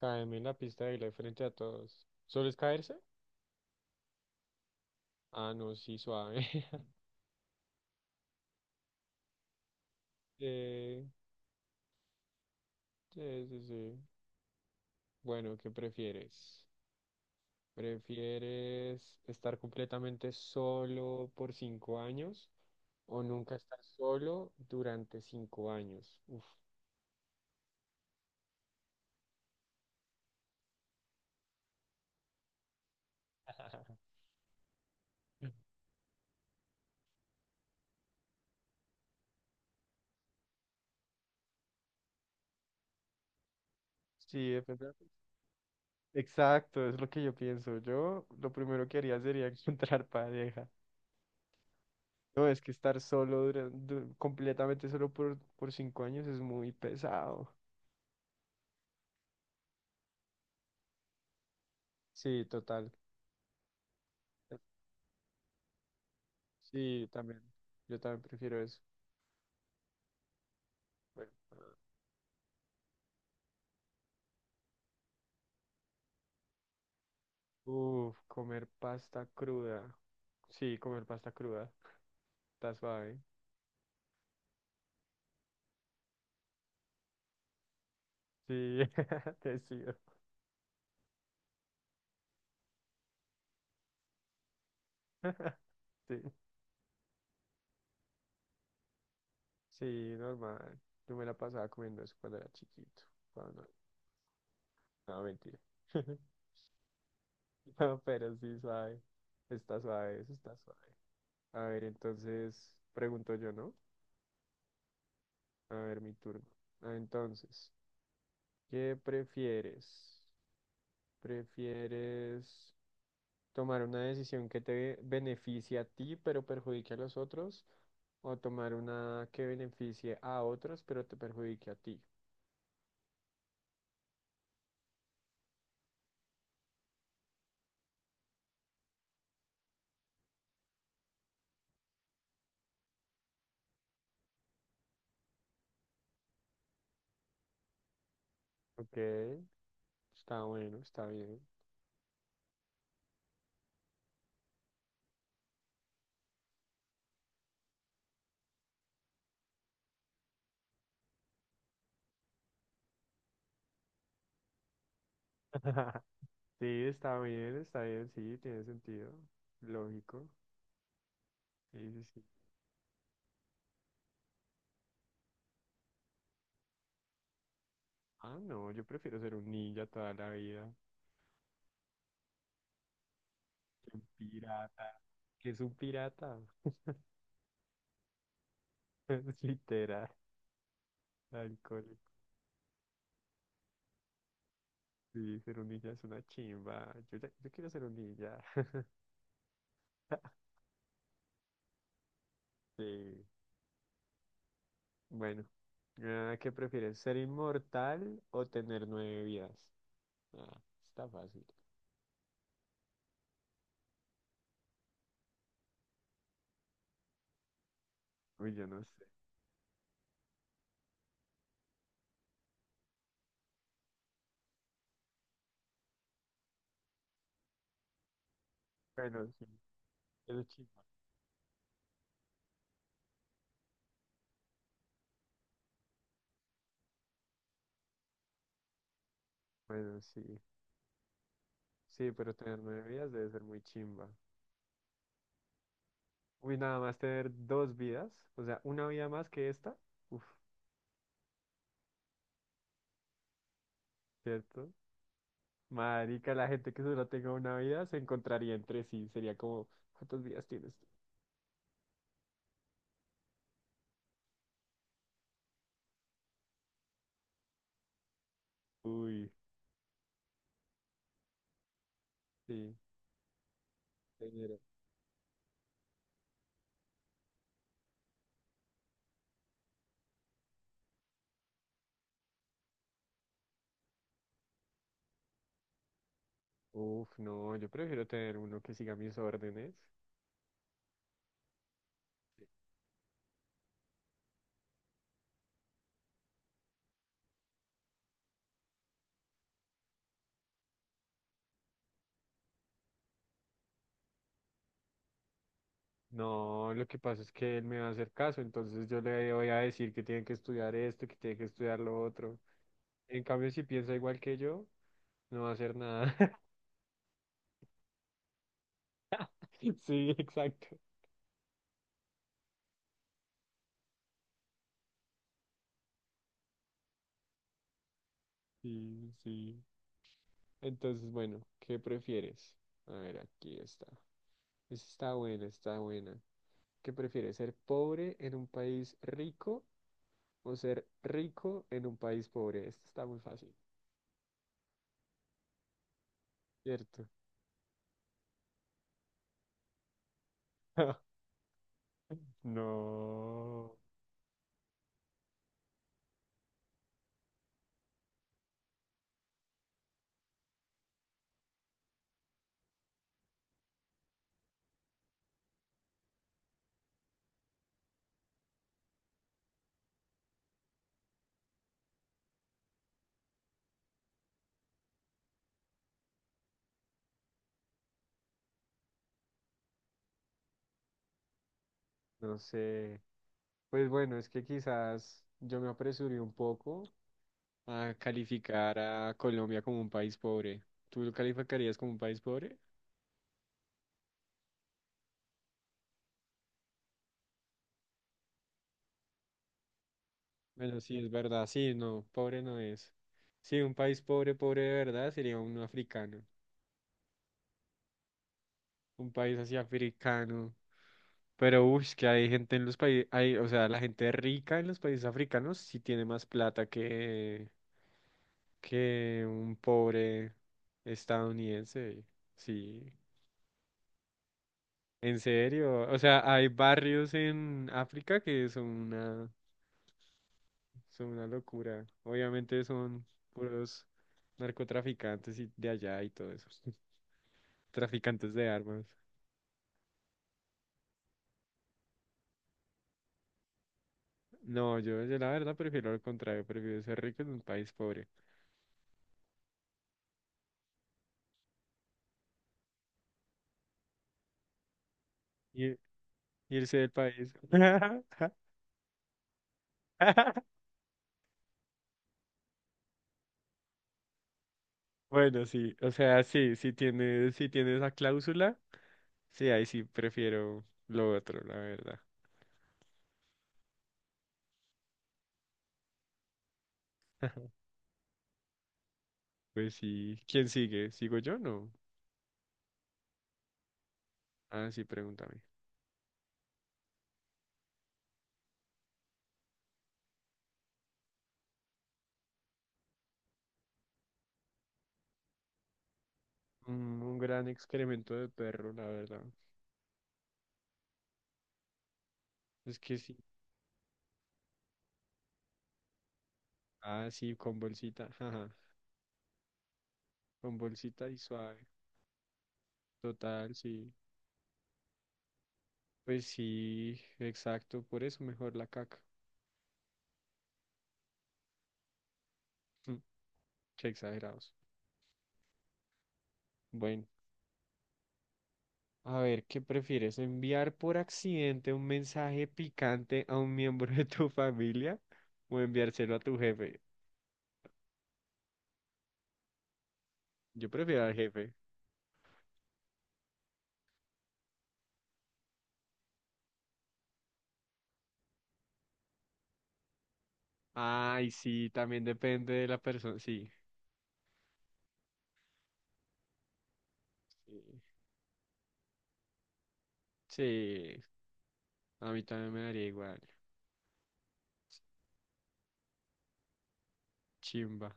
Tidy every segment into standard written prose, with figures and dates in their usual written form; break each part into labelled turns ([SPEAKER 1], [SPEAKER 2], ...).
[SPEAKER 1] Caerme en la pista de baile frente a todos. ¿Solo es caerse? Ah, no, sí, suave. Eh, sí, sí, sí. Bueno, ¿qué prefieres? ¿Prefieres estar completamente solo por 5 años o nunca estar solo durante 5 años? Uf. Sí, depende. De la persona. Exacto, es lo que yo pienso. Yo lo primero que haría sería encontrar pareja. No, es que estar solo, completamente solo por 5 años es muy pesado. Sí, total. Sí, también. Yo también prefiero eso. Bueno. Uf, comer pasta cruda. Sí, comer pasta cruda. Está suave. Sí, te sigo. Sí, sí, normal. Yo me la pasaba comiendo eso cuando era chiquito. Cuando... No, mentira. No, pero sí, suave. Está suave, eso está suave. A ver, entonces, pregunto yo, ¿no? A ver, mi turno. Ah, entonces, ¿qué prefieres? ¿Prefieres tomar una decisión que te beneficie a ti, pero perjudique a los otros, o tomar una que beneficie a otros, pero te perjudique a ti? Ok, está bueno, está bien. Sí, está bien, sí, tiene sentido. Lógico. Sí, sí, sí. Ah, no, yo prefiero ser un ninja toda la vida. Que un pirata. ¿Qué es un pirata? Es literal, alcohólico. Sí, ser un ninja es una chimba. Yo, ya- yo quiero ser un ninja. Sí. Bueno, ah, ¿qué prefieres? ¿Ser inmortal o tener 9 vidas? Ah, está fácil. Uy, yo no sé. Bueno, sí, eso es chimba. Bueno, sí. Sí, pero tener 9 vidas debe ser muy chimba. Uy, nada más tener 2 vidas, o sea, una vida más que esta. Uf, ¿cierto? Marica, la gente que solo tenga una vida se encontraría entre sí. Sería como, ¿cuántas vidas tienes tú? Uy, sí, tener. Uf, no, yo prefiero tener uno que siga mis órdenes. No, lo que pasa es que él me va a hacer caso, entonces yo le voy a decir que tiene que estudiar esto, que tiene que estudiar lo otro. En cambio, si piensa igual que yo, no va a hacer nada. Sí, exacto. Sí, sí. Entonces, bueno, ¿qué prefieres? A ver, aquí está. Esta está buena, está buena. ¿Qué prefieres, ser pobre en un país rico o ser rico en un país pobre? Esta está muy fácil, ¿cierto? No, no sé. Pues bueno, es que quizás yo me apresuré un poco a calificar a Colombia como un país pobre. ¿Tú lo calificarías como un país pobre? Bueno, sí, es verdad. Sí, no, pobre no es. Sí, un país pobre, pobre de verdad sería un africano. Un país así africano. Pero, uy, que hay gente en los países, hay, o sea, la gente rica en los países africanos sí tiene más plata que un pobre estadounidense. Sí. En serio, o sea, hay barrios en África que son una locura. Obviamente son puros narcotraficantes y de allá y todo eso. Traficantes de armas. No, yo la verdad prefiero lo contrario, prefiero ser rico en un país pobre. Y irse del país. Bueno, sí, o sea, sí, si tiene, si tiene esa cláusula, sí, ahí sí prefiero lo otro, la verdad. Pues sí, ¿quién sigue? ¿Sigo yo? No. Ah, sí, pregúntame. Un gran excremento de perro, la verdad. Es que sí. Ah, sí, con bolsita. Ajá. Con bolsita y suave. Total, sí. Pues sí, exacto. Por eso mejor la caca. Mm, Qué exagerados. Bueno, a ver, ¿qué prefieres? ¿Enviar por accidente un mensaje picante a un miembro de tu familia o enviárselo a tu jefe? Yo prefiero al jefe. Ay, sí, también depende de la persona. Sí. Sí. Sí, a mí también me daría igual. Chimba.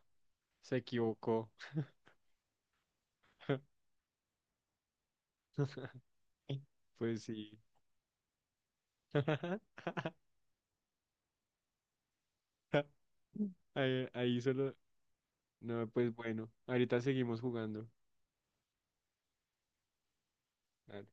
[SPEAKER 1] Se equivocó. Pues sí. Ahí, ahí solo. No, pues bueno. Ahorita seguimos jugando. Dale.